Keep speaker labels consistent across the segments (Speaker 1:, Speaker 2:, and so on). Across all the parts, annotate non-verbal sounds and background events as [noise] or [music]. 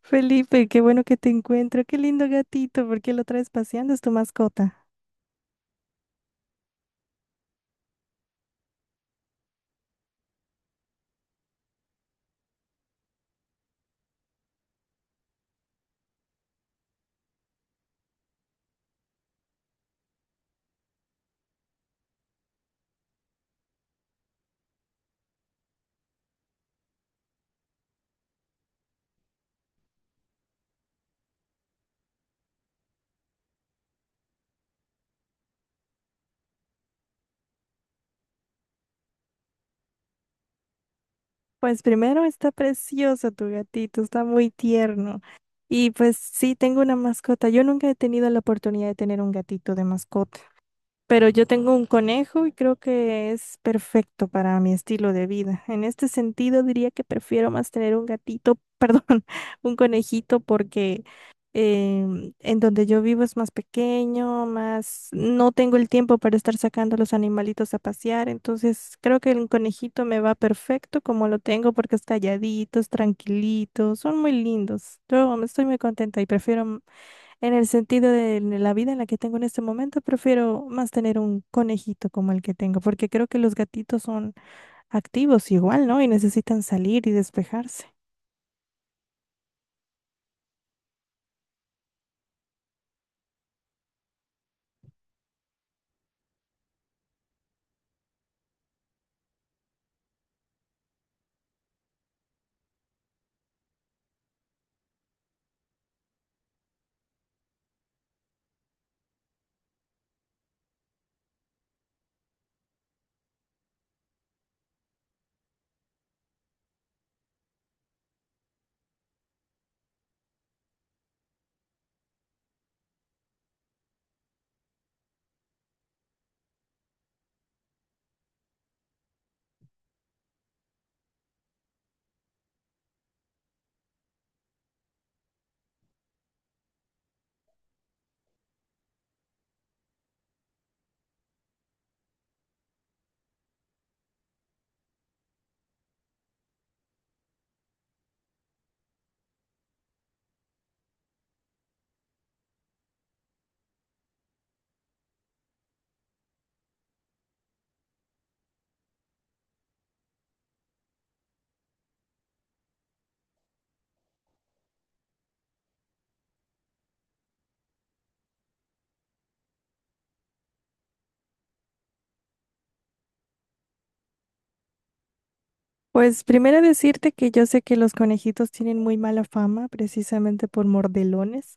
Speaker 1: Felipe, qué bueno que te encuentro. Qué lindo gatito. ¿Por qué lo traes paseando? ¿Es tu mascota? Pues primero está precioso tu gatito, está muy tierno. Y pues sí, tengo una mascota. Yo nunca he tenido la oportunidad de tener un gatito de mascota. Pero yo tengo un conejo y creo que es perfecto para mi estilo de vida. En este sentido, diría que prefiero más tener un gatito, [laughs] perdón, un conejito, porque en donde yo vivo es más pequeño, más no tengo el tiempo para estar sacando a los animalitos a pasear. Entonces, creo que el conejito me va perfecto como lo tengo, porque es calladito, es tranquilito, son muy lindos. Yo estoy muy contenta y prefiero, en el sentido de la vida en la que tengo en este momento, prefiero más tener un conejito como el que tengo, porque creo que los gatitos son activos igual, ¿no? Y necesitan salir y despejarse. Pues primero decirte que yo sé que los conejitos tienen muy mala fama precisamente por mordelones.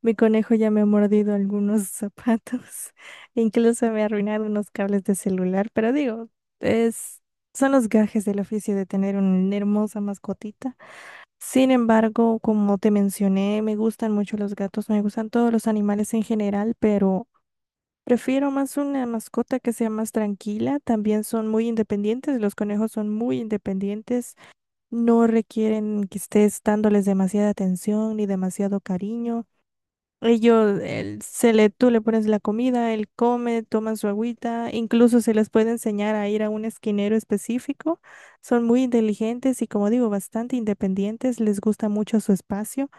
Speaker 1: Mi conejo ya me ha mordido algunos zapatos, [laughs] incluso me ha arruinado unos cables de celular, pero digo, es, son los gajes del oficio de tener una hermosa mascotita. Sin embargo, como te mencioné, me gustan mucho los gatos, me gustan todos los animales en general, pero prefiero más una mascota que sea más tranquila. También son muy independientes, los conejos son muy independientes, no requieren que estés dándoles demasiada atención ni demasiado cariño. Ellos, el- se le, tú le pones la comida, él come, toma su agüita, incluso se les puede enseñar a ir a un esquinero específico. Son muy inteligentes y, como digo, bastante independientes, les gusta mucho su espacio.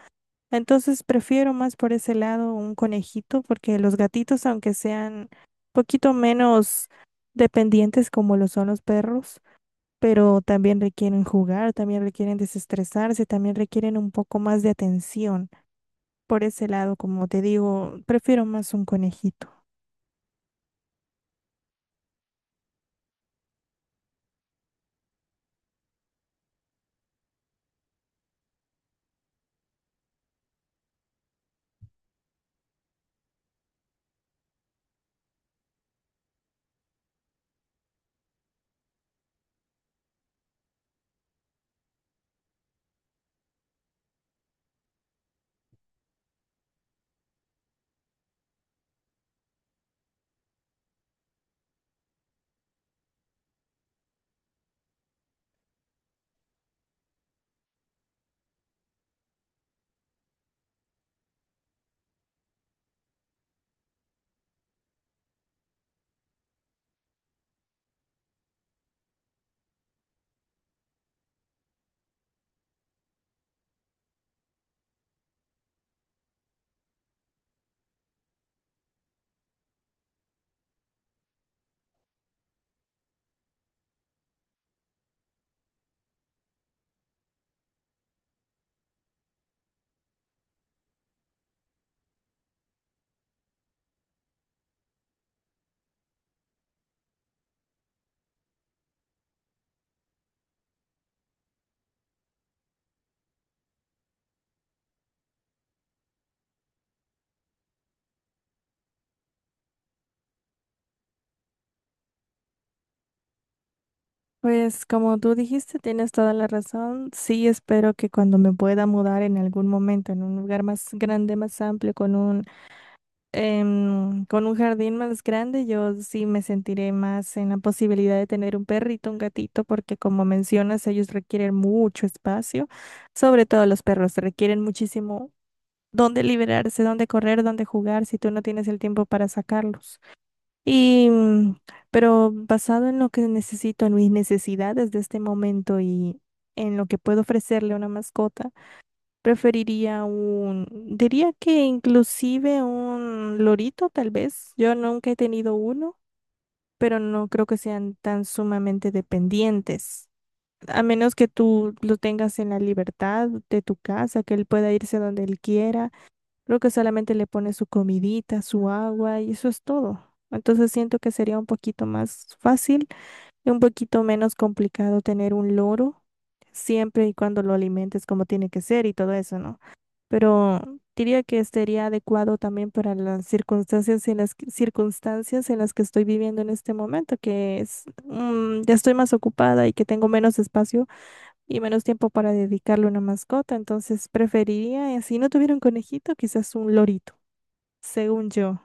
Speaker 1: Entonces, prefiero más por ese lado un conejito, porque los gatitos, aunque sean poquito menos dependientes como lo son los perros, pero también requieren jugar, también requieren desestresarse, también requieren un poco más de atención. Por ese lado, como te digo, prefiero más un conejito. Pues como tú dijiste, tienes toda la razón. Sí, espero que cuando me pueda mudar en algún momento en un lugar más grande, más amplio, con un, con un jardín más grande, yo sí me sentiré más en la posibilidad de tener un perrito, un gatito, porque como mencionas, ellos requieren mucho espacio. Sobre todo los perros requieren muchísimo dónde liberarse, dónde correr, dónde jugar, si tú no tienes el tiempo para sacarlos. Y, pero basado en lo que necesito, en mis necesidades de este momento y en lo que puedo ofrecerle a una mascota, preferiría un, diría que inclusive un lorito, tal vez. Yo nunca he tenido uno, pero no creo que sean tan sumamente dependientes. A menos que tú lo tengas en la libertad de tu casa, que él pueda irse donde él quiera. Creo que solamente le pone su comidita, su agua y eso es todo. Entonces siento que sería un poquito más fácil y un poquito menos complicado tener un loro, siempre y cuando lo alimentes como tiene que ser y todo eso, ¿no? Pero diría que sería adecuado también para las circunstancias en las que- circunstancias en las que estoy viviendo en este momento, que es, ya estoy más ocupada y que tengo menos espacio y menos tiempo para dedicarle a una mascota, entonces preferiría, si no tuviera un conejito, quizás un lorito, según yo.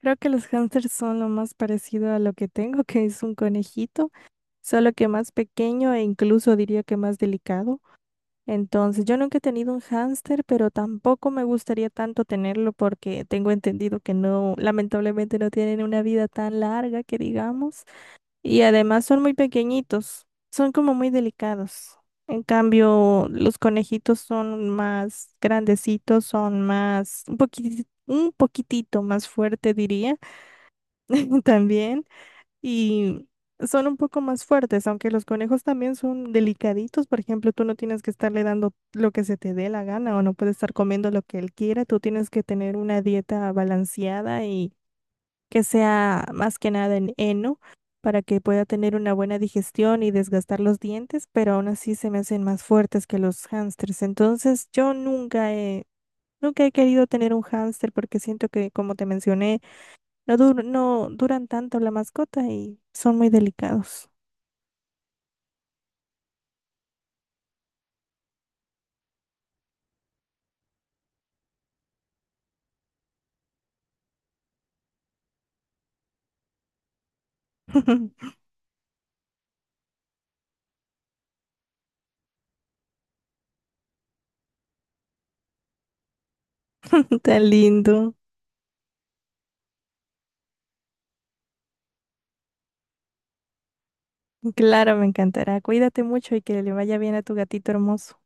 Speaker 1: Creo que los hámsters son lo más parecido a lo que tengo, [laughs] que es un conejito, solo que más pequeño e incluso diría que más delicado. Entonces, yo nunca he tenido un hámster, pero tampoco me gustaría tanto tenerlo porque tengo entendido que no, lamentablemente no tienen una vida tan larga que digamos. Y además son muy pequeñitos, son como muy delicados. En cambio, los conejitos son más grandecitos, son más, un poquitito más fuerte, diría, [laughs] también. Y son un poco más fuertes, aunque los conejos también son delicaditos. Por ejemplo, tú no tienes que estarle dando lo que se te dé la gana o no puedes estar comiendo lo que él quiera. Tú tienes que tener una dieta balanceada que sea más que nada en heno para que pueda tener una buena digestión y desgastar los dientes, pero aún así se me hacen más fuertes que los hámsters. Entonces, yo nunca he querido tener un hámster porque siento que, como te mencioné, no duran tanto la mascota y son muy delicados. [laughs] Tan lindo. Claro, me encantará. Cuídate mucho y que le vaya bien a tu gatito hermoso.